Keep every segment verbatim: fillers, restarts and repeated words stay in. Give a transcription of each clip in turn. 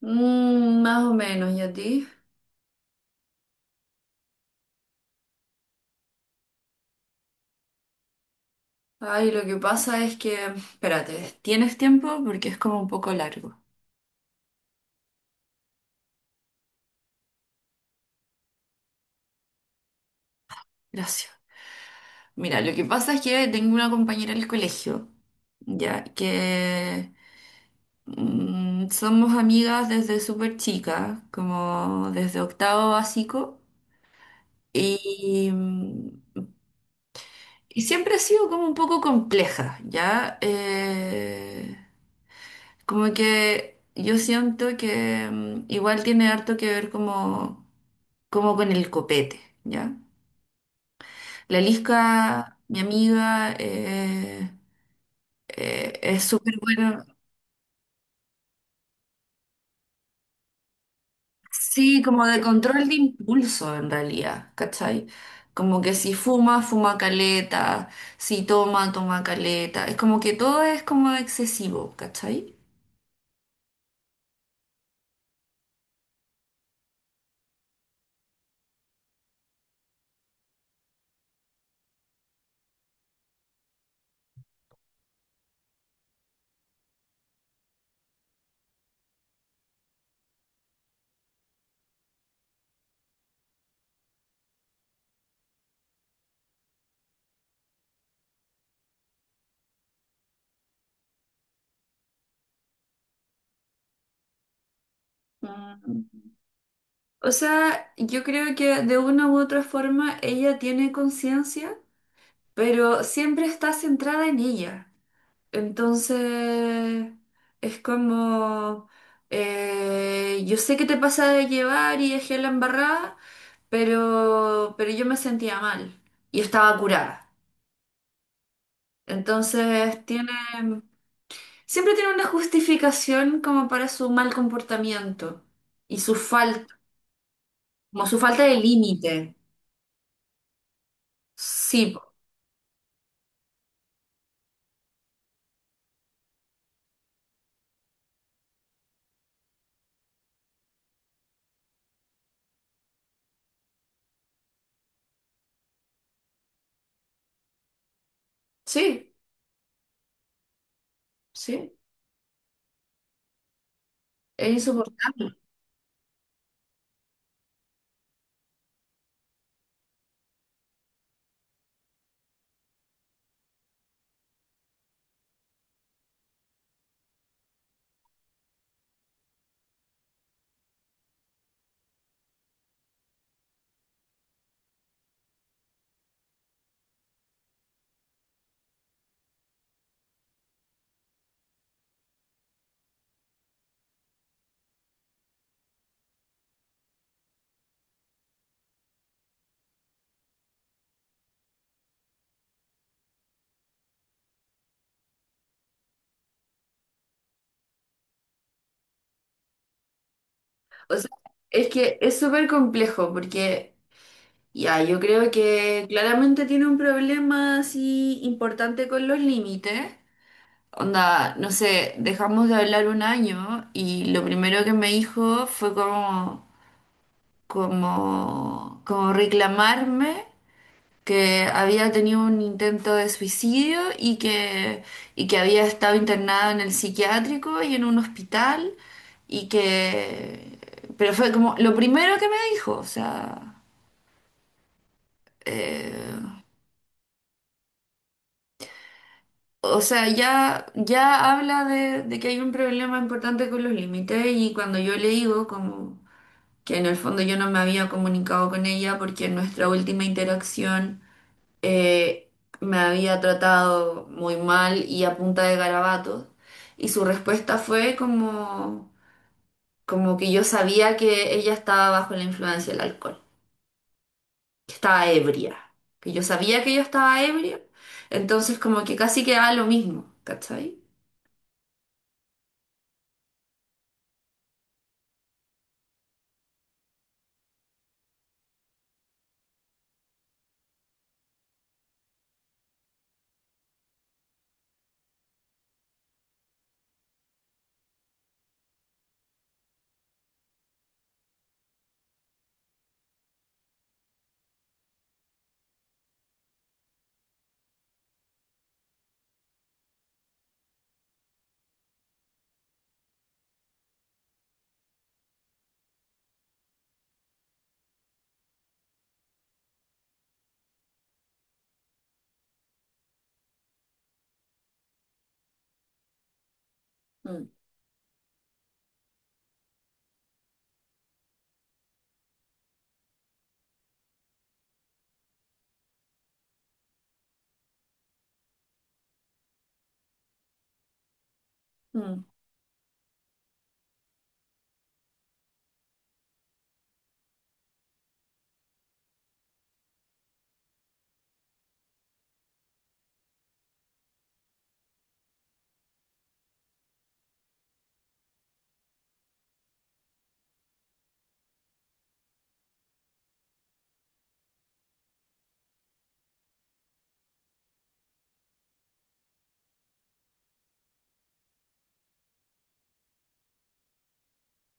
Mm, más o menos, ¿y a ti? Ay, lo que pasa es que, espérate, ¿tienes tiempo? Porque es como un poco largo. Gracias. Mira, lo que pasa es que tengo una compañera del colegio, ya, que mm, somos amigas desde súper chica, como desde octavo básico, y, mm, y siempre ha sido como un poco compleja, ¿ya? Eh, Como que yo siento que mm, igual tiene harto que ver como, como con el copete, ¿ya? La Lisca, mi amiga, eh, eh, es súper buena. Sí, como de control de impulso en realidad, ¿cachai? Como que si fuma, fuma caleta, si toma, toma caleta. Es como que todo es como excesivo, ¿cachai? Mm. O sea, yo creo que de una u otra forma ella tiene conciencia, pero siempre está centrada en ella. Entonces, es como, eh, yo sé que te pasa de llevar y dejé la embarrada, pero, pero yo me sentía mal y estaba curada. Entonces, tiene, siempre tiene una justificación como para su mal comportamiento y su falta, como su falta de límite. Sí, po. Sí, sí, es insoportable. O sea, es que es súper complejo porque ya, yo creo que claramente tiene un problema así importante con los límites. Onda, no sé, dejamos de hablar un año y lo primero que me dijo fue como, como, como reclamarme que había tenido un intento de suicidio y que, y que había estado internado en el psiquiátrico y en un hospital y que... Pero fue como lo primero que me dijo, o sea... eh, o sea, ya, ya habla de, de que hay un problema importante con los límites, y cuando yo le digo como que en el fondo yo no me había comunicado con ella porque en nuestra última interacción... eh, me había tratado muy mal y a punta de garabatos. Y su respuesta fue como, como que yo sabía que ella estaba bajo la influencia del alcohol, que estaba ebria, que yo sabía que ella estaba ebria, entonces como que casi quedaba lo mismo, ¿cachai? Mm, mm.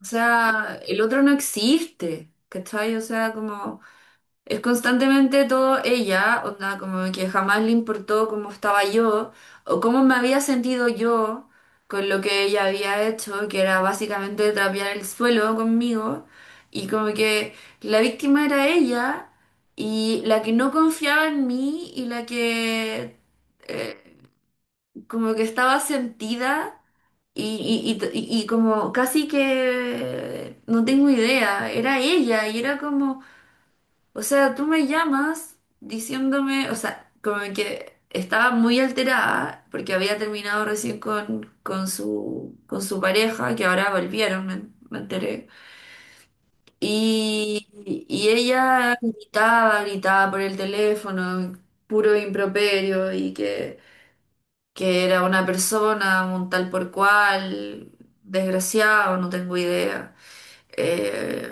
O sea, el otro no existe, ¿cachai? O sea, como... Es constantemente todo ella, onda, como que jamás le importó cómo estaba yo o cómo me había sentido yo con lo que ella había hecho, que era básicamente trapear el suelo conmigo, y como que la víctima era ella y la que no confiaba en mí y la que eh, como que estaba sentida y, y, y, y como casi que no tengo idea, era ella y era como... O sea, tú me llamas diciéndome, o sea, como que estaba muy alterada porque había terminado recién con, con su, con su pareja, que ahora volvieron, me, me enteré. Y, y ella gritaba, gritaba por el teléfono, puro improperio, y que, que era una persona, un tal por cual, desgraciado, no tengo idea. Eh,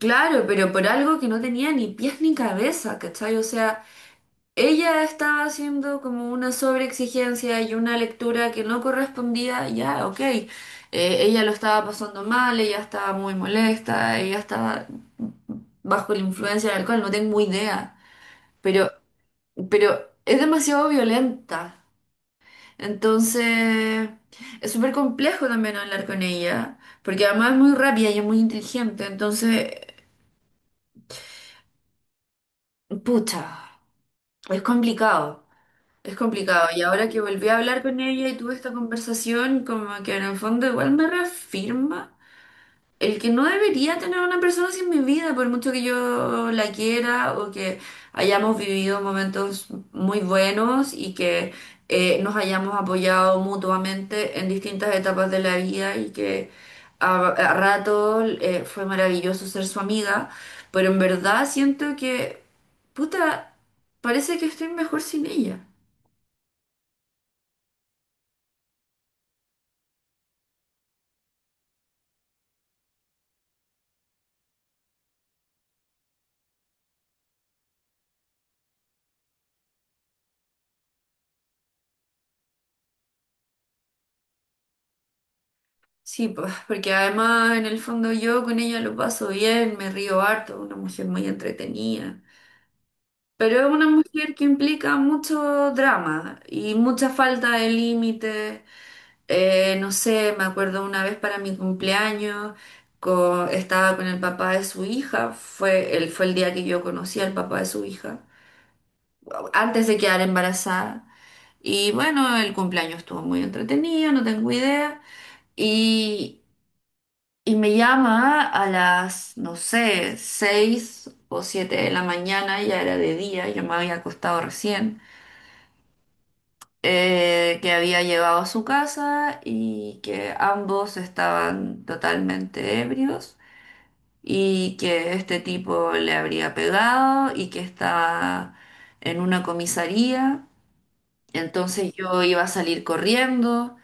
Claro, pero por algo que no tenía ni pies ni cabeza, ¿cachai? O sea, ella estaba haciendo como una sobreexigencia y una lectura que no correspondía, ya, ok. Eh, ella lo estaba pasando mal, ella estaba muy molesta, ella estaba bajo la influencia del alcohol, no tengo idea. Pero, pero es demasiado violenta. Entonces, es súper complejo también hablar con ella, porque además es muy rápida y es muy inteligente, entonces, pucha. Es complicado, es complicado. Y ahora que volví a hablar con ella y tuve esta conversación, como que en el fondo igual me reafirma el que no debería tener una persona así en mi vida, por mucho que yo la quiera o que hayamos vivido momentos muy buenos y que eh, nos hayamos apoyado mutuamente en distintas etapas de la vida y que a, a rato eh, fue maravilloso ser su amiga, pero en verdad siento que, puta, parece que estoy mejor sin ella. Sí, pues, porque además en el fondo yo con ella lo paso bien, me río harto, una mujer muy entretenida. Pero es una mujer que implica mucho drama y mucha falta de límite. Eh, no sé, me acuerdo una vez para mi cumpleaños, co- estaba con el papá de su hija, fue el, fue el día que yo conocí al papá de su hija, antes de quedar embarazada. Y bueno, el cumpleaños estuvo muy entretenido, no tengo idea. Y, y me llama a las, no sé, seis o siete de la mañana, ya era de día, yo me había acostado recién. eh, que había llevado a su casa y que ambos estaban totalmente ebrios y que este tipo le habría pegado y que estaba en una comisaría. Entonces yo iba a salir corriendo,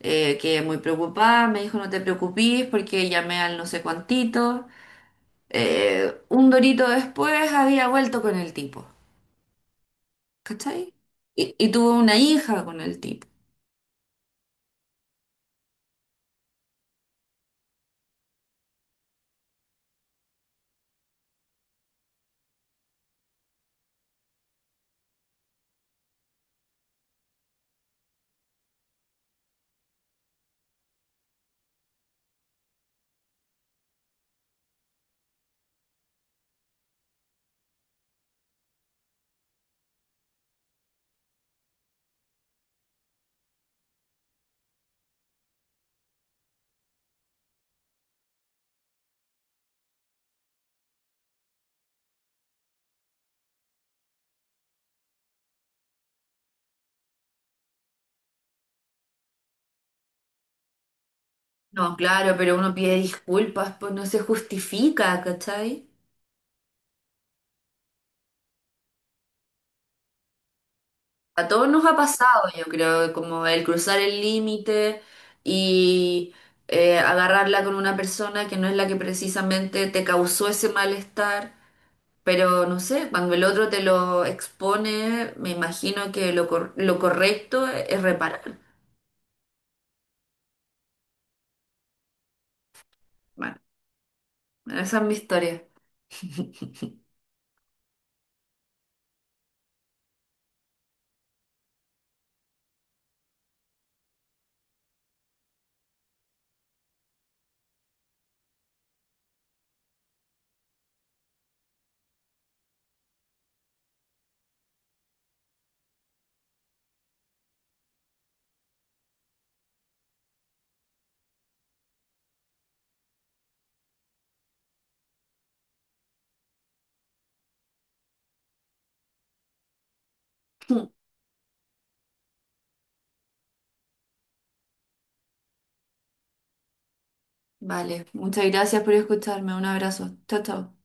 eh, quedé muy preocupada, me dijo no te preocupes porque llamé al no sé cuantito. Eh, un dorito después había vuelto con el tipo, ¿cachai? Y, y tuvo una hija con el tipo. No, claro, pero uno pide disculpas, pues no se justifica, ¿cachai? A todos nos ha pasado, yo creo, como el cruzar el límite y eh, agarrarla con una persona que no es la que precisamente te causó ese malestar. Pero no sé, cuando el otro te lo expone, me imagino que lo, cor- lo correcto es reparar. Bueno, esa es mi historia. Vale, muchas gracias por escucharme. Un abrazo. Chao, chao.